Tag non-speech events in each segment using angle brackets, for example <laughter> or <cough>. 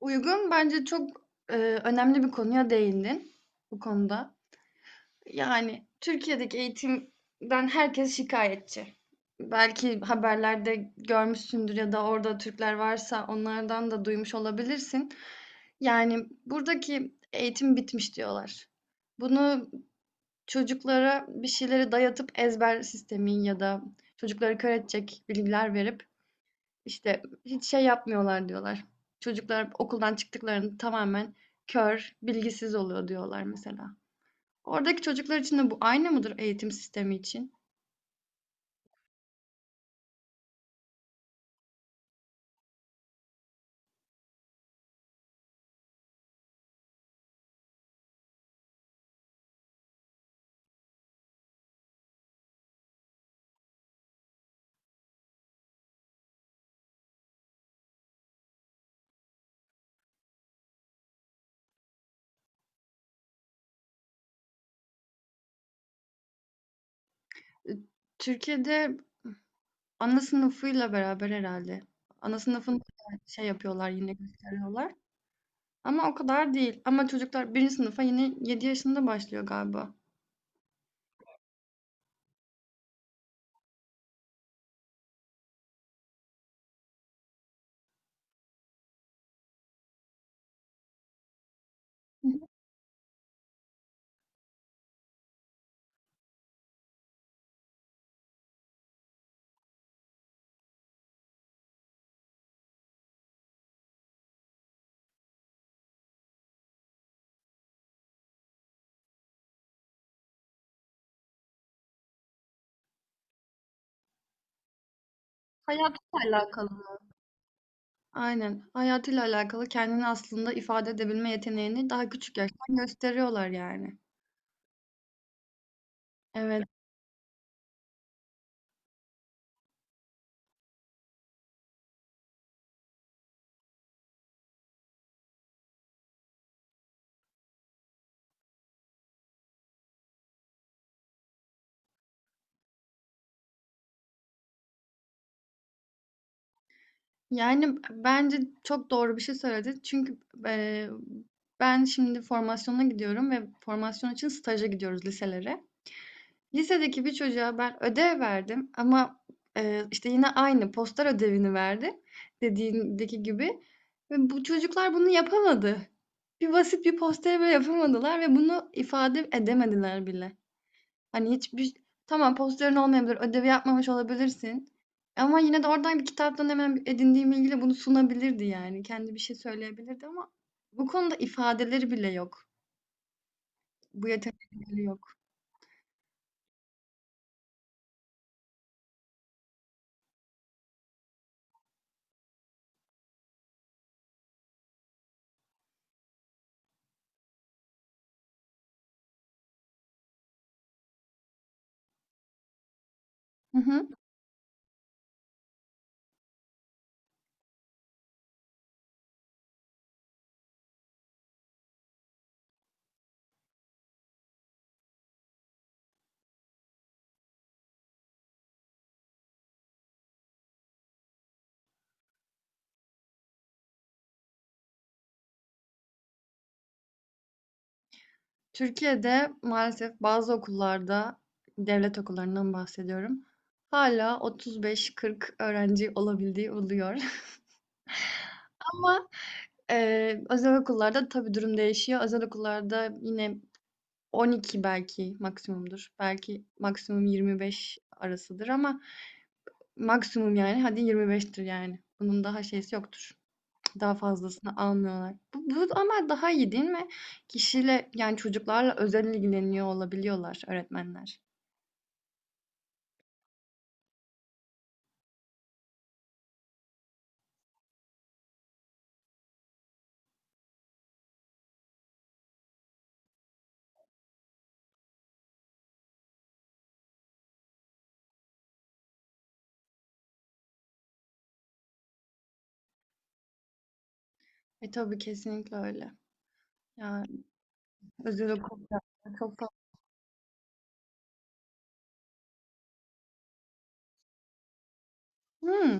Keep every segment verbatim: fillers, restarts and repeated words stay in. Uygun. Bence çok, eee, önemli bir konuya değindin bu konuda. Yani, Türkiye'deki eğitimden herkes şikayetçi. Belki haberlerde görmüşsündür ya da orada Türkler varsa onlardan da duymuş olabilirsin. Yani, buradaki eğitim bitmiş diyorlar. Bunu çocuklara bir şeyleri dayatıp ezber sistemi ya da çocukları kör edecek bilgiler verip işte hiç şey yapmıyorlar diyorlar. Çocuklar okuldan çıktıklarında tamamen kör, bilgisiz oluyor diyorlar mesela. Oradaki çocuklar için de bu aynı mıdır eğitim sistemi için? E, Türkiye'de ana sınıfıyla beraber herhalde. Ana sınıfında da şey yapıyorlar yine gösteriyorlar. Ama o kadar değil. Ama çocuklar birinci sınıfa yine yedi yaşında başlıyor galiba. Hayatla alakalı. Aynen. Hayatıyla alakalı kendini aslında ifade edebilme yeteneğini daha küçük yaştan gösteriyorlar yani. Evet. Yani bence çok doğru bir şey söyledi. Çünkü eee, ben şimdi formasyona gidiyorum ve formasyon için staja gidiyoruz liselere. Lisedeki bir çocuğa ben ödev verdim ama eee, işte yine aynı poster ödevini verdim dediğindeki gibi. Ve bu çocuklar bunu yapamadı. Bir basit bir posteri bile yapamadılar ve bunu ifade edemediler bile. Hani, hiçbir Tamam, posterın olmayabilir, ödevi yapmamış olabilirsin ama yine de oradan bir kitaptan hemen edindiğim bilgiyle bunu sunabilirdi yani. Kendi bir şey söyleyebilirdi ama bu konuda ifadeleri bile yok. Bu yetenekleri yok. Hı hı. Türkiye'de maalesef bazı okullarda, devlet okullarından bahsediyorum, hâlâ otuz beş kırk öğrenci olabildiği oluyor <laughs> ama, eee, özel okullarda tabii durum değişiyor. Özel okullarda yine on iki belki maksimumdur. Belki maksimum yirmi beş arasıdır ama maksimum yani hadi yirmi beştir yani. Bunun daha şeysi yoktur. Daha fazlasını almıyorlar. Bu, bu ama daha iyi değil mi? Kişiyle yani çocuklarla özel ilgileniyor olabiliyorlar öğretmenler. E tabii kesinlikle öyle. Yani özel okulda çok fazla. Hmm.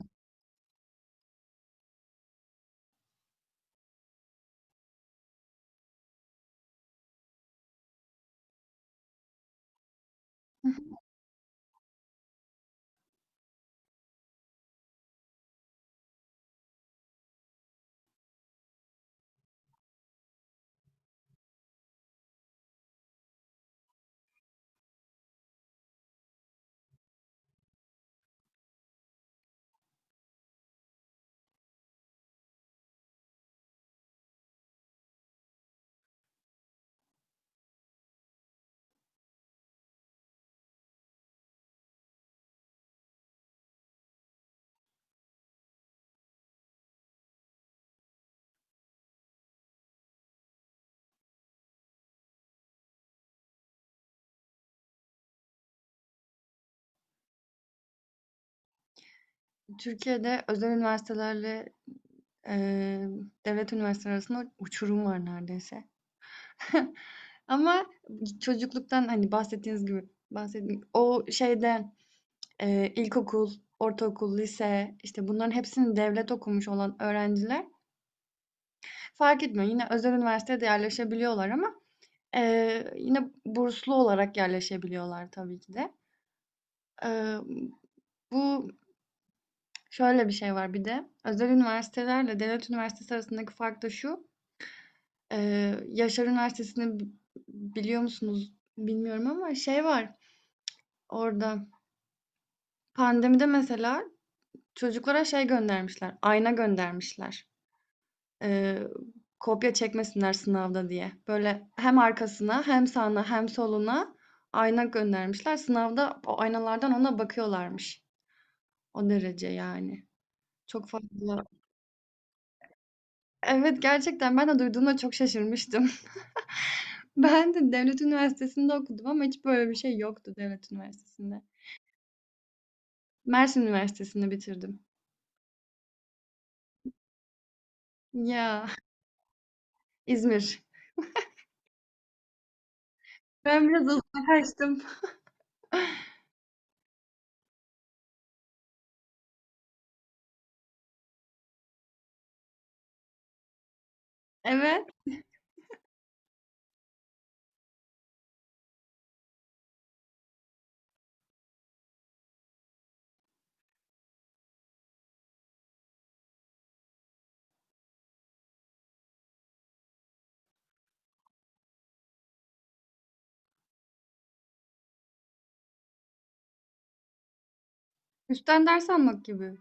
<laughs> Türkiye'de özel üniversitelerle eee, devlet üniversiteleri arasında uçurum var neredeyse. <laughs> Ama çocukluktan, hani, bahsettiğiniz gibi bahsettiğim o şeyde, eee, ilkokul, ortaokul, lise, işte, bunların hepsini devlet okumuş olan öğrenciler fark etmiyor. Yine özel üniversiteye yerleşebiliyorlar ama, eee, yine burslu olarak yerleşebiliyorlar tabii ki de. Eee, bu şöyle bir şey var bir de, özel üniversitelerle devlet üniversitesi arasındaki fark da şu, eee, Yaşar Üniversitesi'ni biliyor musunuz bilmiyorum ama şey var orada, pandemide mesela çocuklara şey göndermişler, ayna göndermişler. Eee, kopya çekmesinler sınavda diye. Böyle hem arkasına hem sağına hem soluna ayna göndermişler. Sınavda o aynalardan ona bakıyorlarmış. O derece yani. Çok fazla. Evet gerçekten ben de duyduğumda çok şaşırmıştım. <laughs> Ben de devlet üniversitesinde okudum ama hiç böyle bir şey yoktu devlet üniversitesinde. Mersin Üniversitesi'nde bitirdim. Ya İzmir. Ben biraz uzaklaştım. Evet. Üstten ders almak gibi.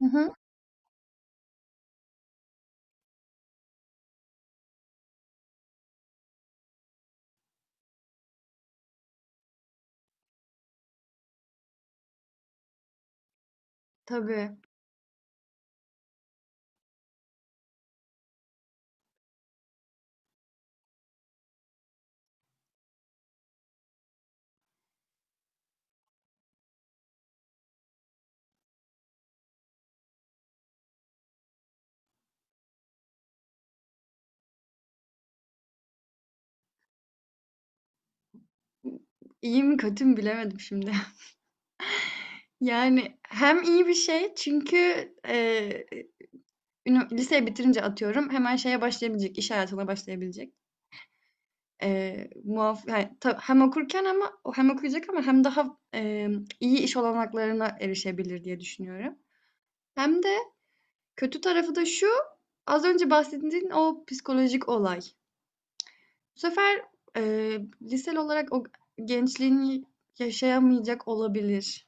Hı hı. Tabii. İyi mi kötü mü bilemedim şimdi. <laughs> Yani hem iyi bir şey çünkü, eee, ünü liseyi bitirince atıyorum hemen şeye başlayabilecek, iş hayatına başlayabilecek. Eee, muaf yani ta hem okurken ama hem okuyacak ama hem daha, emm, iyi iş olanaklarına erişebilir diye düşünüyorum. Hem de kötü tarafı da şu, az önce bahsettiğin o psikolojik olay. Bu sefer, eee, liseli olarak o gençliğini yaşayamayacak olabilir,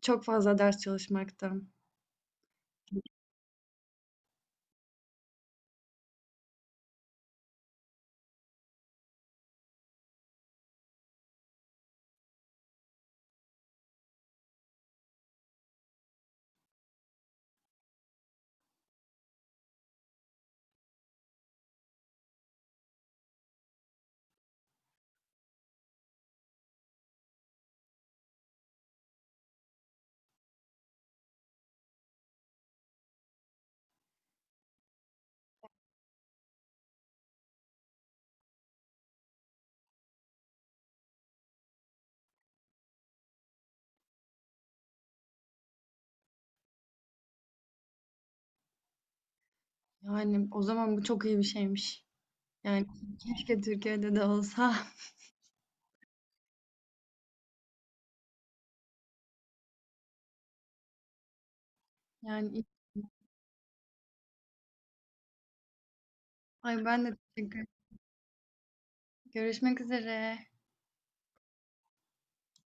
çok fazla ders çalışmaktan. Yani, o zaman bu çok iyi bir şeymiş. Yani, keşke Türkiye'de de olsa. <laughs> Yani, iyi. Ay, ben de teşekkür ederim. Görüşmek üzere.